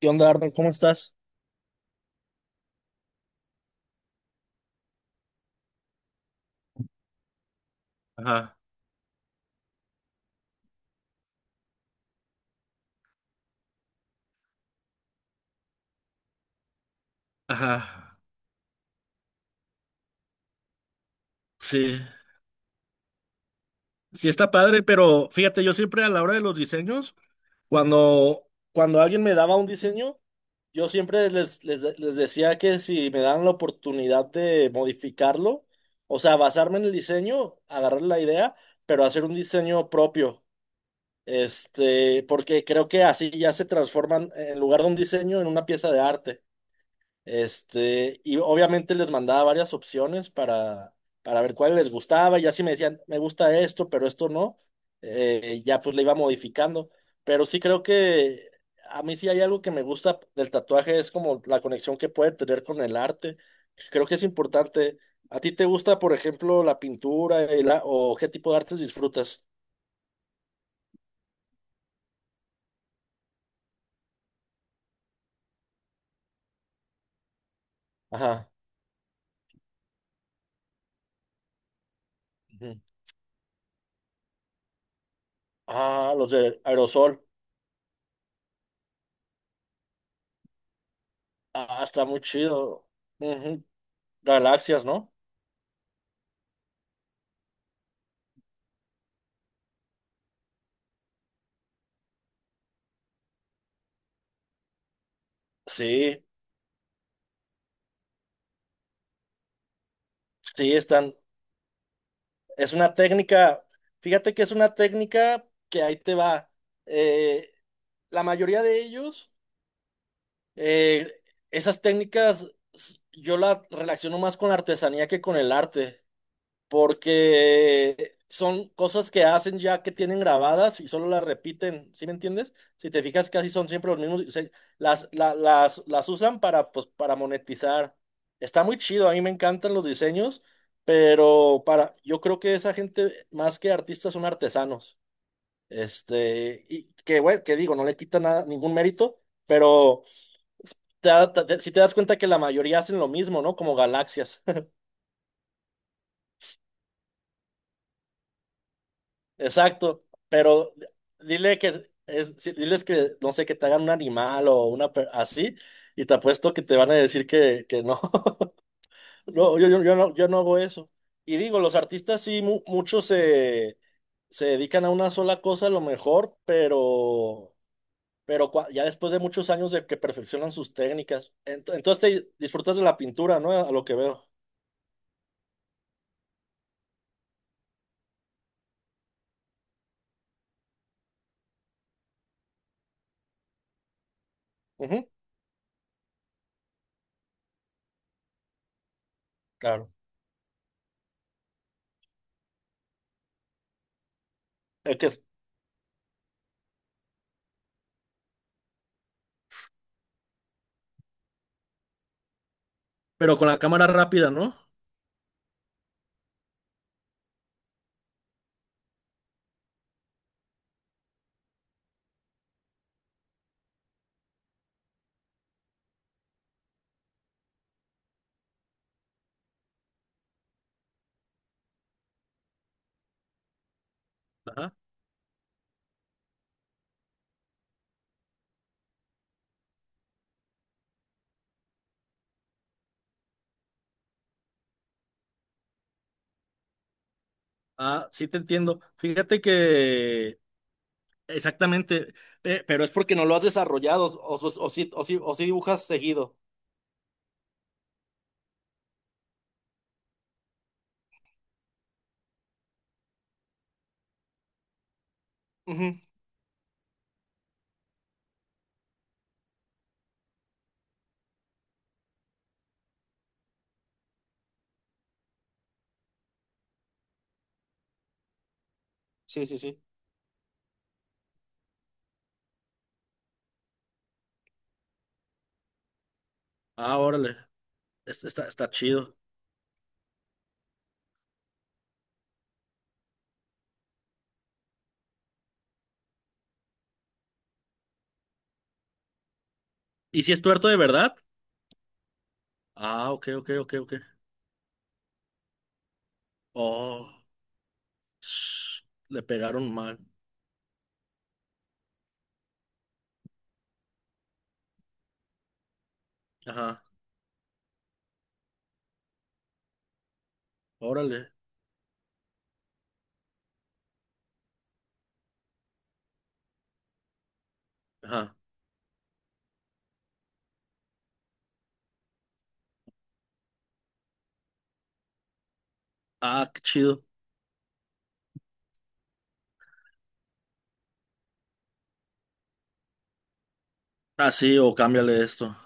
¿Qué onda, Arnold? ¿Cómo estás? Ajá, ajá. Sí, sí está padre, pero fíjate, yo siempre a la hora de los diseños, cuando alguien me daba un diseño, yo siempre les decía que si me daban la oportunidad de modificarlo, o sea, basarme en el diseño, agarrar la idea, pero hacer un diseño propio. Porque creo que así ya se transforman, en lugar de un diseño, en una pieza de arte. Y obviamente les mandaba varias opciones para ver cuál les gustaba, y así me decían, me gusta esto, pero esto no, ya pues le iba modificando. Pero sí creo que a mí sí hay algo que me gusta del tatuaje, es como la conexión que puede tener con el arte. Creo que es importante. ¿A ti te gusta, por ejemplo, la pintura o qué tipo de artes disfrutas? Ajá. Ujú. Ah, los de aerosol. Ah, está muy chido. Ujú, galaxias, ¿no? Sí. Sí, están. Es una técnica, fíjate que es una técnica que ahí te va. Eh, la mayoría de ellos, eh, esas técnicas yo las relaciono más con la artesanía que con el arte. Porque son cosas que hacen ya que tienen grabadas y solo las repiten, ¿sí me entiendes? Si te fijas, casi son siempre los mismos, las usan para, pues, para monetizar. Está muy chido, a mí me encantan los diseños, pero para, yo creo que esa gente, más que artistas, son artesanos. Y que, bueno, que digo, no le quita nada, ningún mérito, pero si te das cuenta que la mayoría hacen lo mismo, ¿no? Como galaxias. Exacto, pero dile que es, sí, diles que no sé, que te hagan un animal o así, y te apuesto que te van a decir que no. No, yo no, yo no hago eso. Y digo, los artistas sí, muchos se, se dedican a una sola cosa a lo mejor, pero, ya después de muchos años de que perfeccionan sus técnicas, entonces te disfrutas de la pintura, ¿no? A lo que veo. Ujú, claro. Es que es- pero con la cámara rápida, ¿no? Ajá. Ah, sí te entiendo. Fíjate que exactamente, pero es porque no lo has desarrollado o sí, o sí dibujas seguido. Ujú, sí, sí, sí. Ah, órale. Está, está chido. ¿Y si es tuerto de verdad? Ah, ok, ok, ok, ok. Oh, sh- le pegaron mal. Ajá, órale. Ajá. Ah, qué chido. Ah, sí, o cámbiale esto.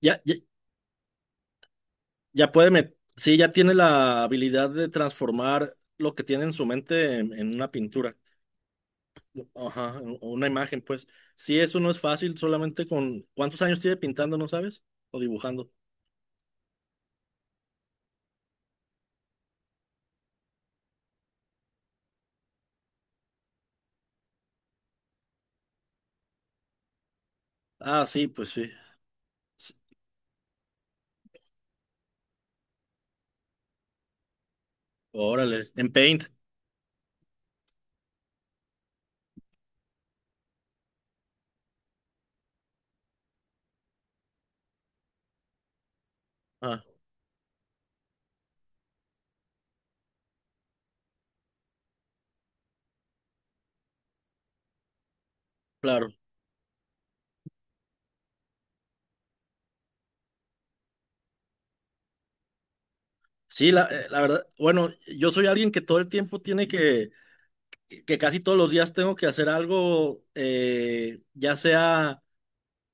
Ya, ya, sí, ya tiene la habilidad de transformar lo que tiene en su mente en una pintura. Ajá, una imagen, pues. Sí, eso no es fácil, solamente con ¿cuántos años tiene pintando, no sabes? ¿O dibujando? Ah, sí, pues sí. S- Órale, en Paint. Ah, claro. Sí, la, la verdad, bueno, yo soy alguien que todo el tiempo tiene que casi todos los días tengo que hacer algo, ya sea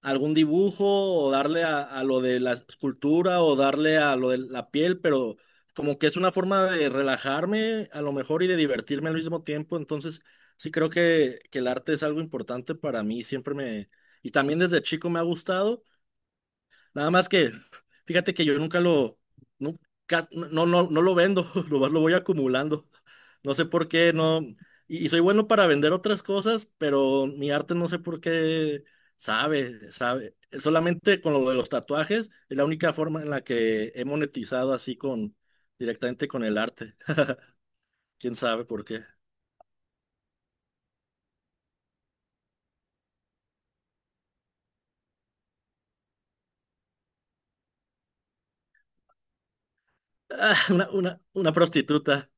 algún dibujo o darle a lo de la escultura o darle a lo de la piel, pero como que es una forma de relajarme a lo mejor y de divertirme al mismo tiempo. Entonces, sí creo que el arte es algo importante para mí, siempre me Y también desde chico me ha gustado. Nada más que, fíjate que yo nunca lo, no, no, no lo vendo, lo voy acumulando. No sé por qué, no. Y soy bueno para vender otras cosas, pero mi arte no sé por qué sabe, sabe. Solamente con lo de los tatuajes es la única forma en la que he monetizado así con, directamente con el arte. ¿Quién sabe por qué? Ah, una, una prostituta.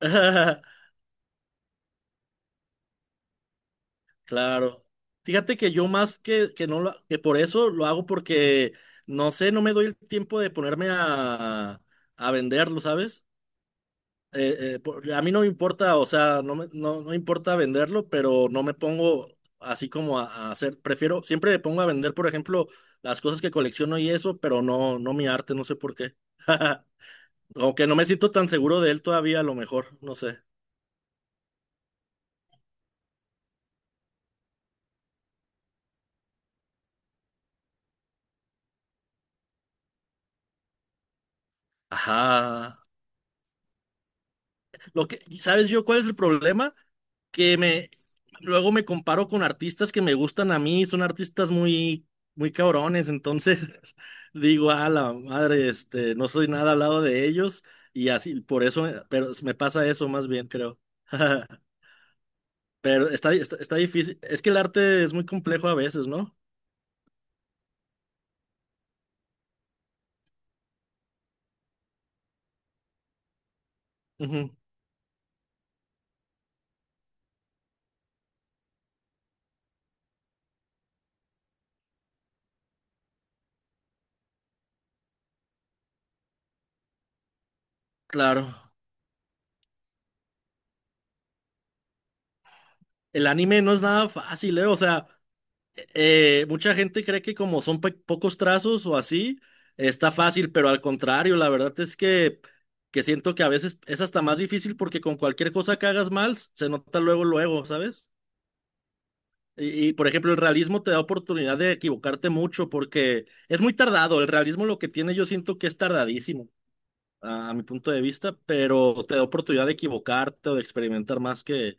Claro. Fíjate que yo más que no lo, que por eso lo hago porque no sé, no me doy el tiempo de ponerme a venderlo, ¿sabes? A mí no me importa, o sea, no me, no, no me importa venderlo, pero no me pongo así como a hacer, prefiero, siempre me pongo a vender, por ejemplo, las cosas que colecciono y eso, pero no, no mi arte, no sé por qué. Aunque no me siento tan seguro de él todavía, a lo mejor, no sé. Ajá. Lo que, ¿sabes yo cuál es el problema? Que me luego me comparo con artistas que me gustan a mí, son artistas muy muy cabrones, entonces digo, a la madre, no soy nada al lado de ellos y así, por eso, pero me pasa eso más bien, creo. Pero está, está, está difícil, es que el arte es muy complejo a veces, ¿no? Ujú, claro. El anime no es nada fácil, ¿eh? O sea, mucha gente cree que como son pocos trazos o así, está fácil, pero al contrario, la verdad es que siento que a veces es hasta más difícil porque con cualquier cosa que hagas mal, se nota luego, luego, ¿sabes? Y, por ejemplo, el realismo te da oportunidad de equivocarte mucho porque es muy tardado. El realismo lo que tiene yo siento que es tardadísimo, a mi punto de vista, pero te da oportunidad de equivocarte o de experimentar más que eh,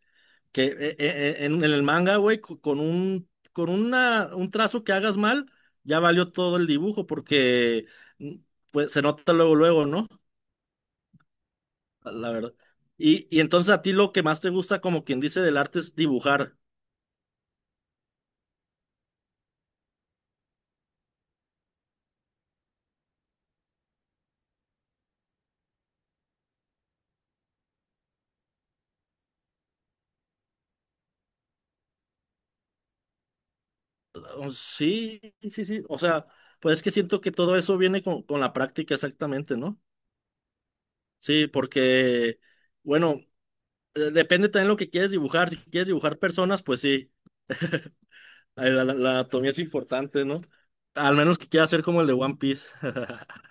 eh, eh, en el manga, güey, con un, con una, un trazo que hagas mal, ya valió todo el dibujo porque mm, pues, se nota luego, luego, ¿no? La verdad. Y entonces a ti lo que más te gusta, como quien dice, del arte es dibujar. Oh, sí, sí, sí. O sea, pues es que siento que todo eso viene con la práctica exactamente, ¿no? Sí, porque, bueno, depende también lo que quieres dibujar. Si quieres dibujar personas, pues sí. La, la anatomía es importante, ¿no? Al menos que quiera ser como el de One Piece,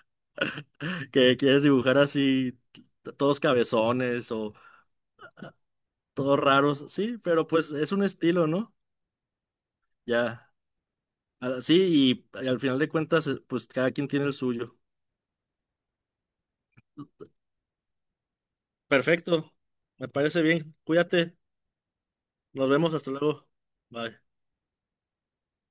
que quieres dibujar así todos cabezones o todos raros, sí, pero pues es un estilo, ¿no? Ya, ah, sí, y, al final de cuentas, pues cada quien tiene el suyo. Perfecto, me parece bien, cuídate, nos vemos, hasta luego, bye.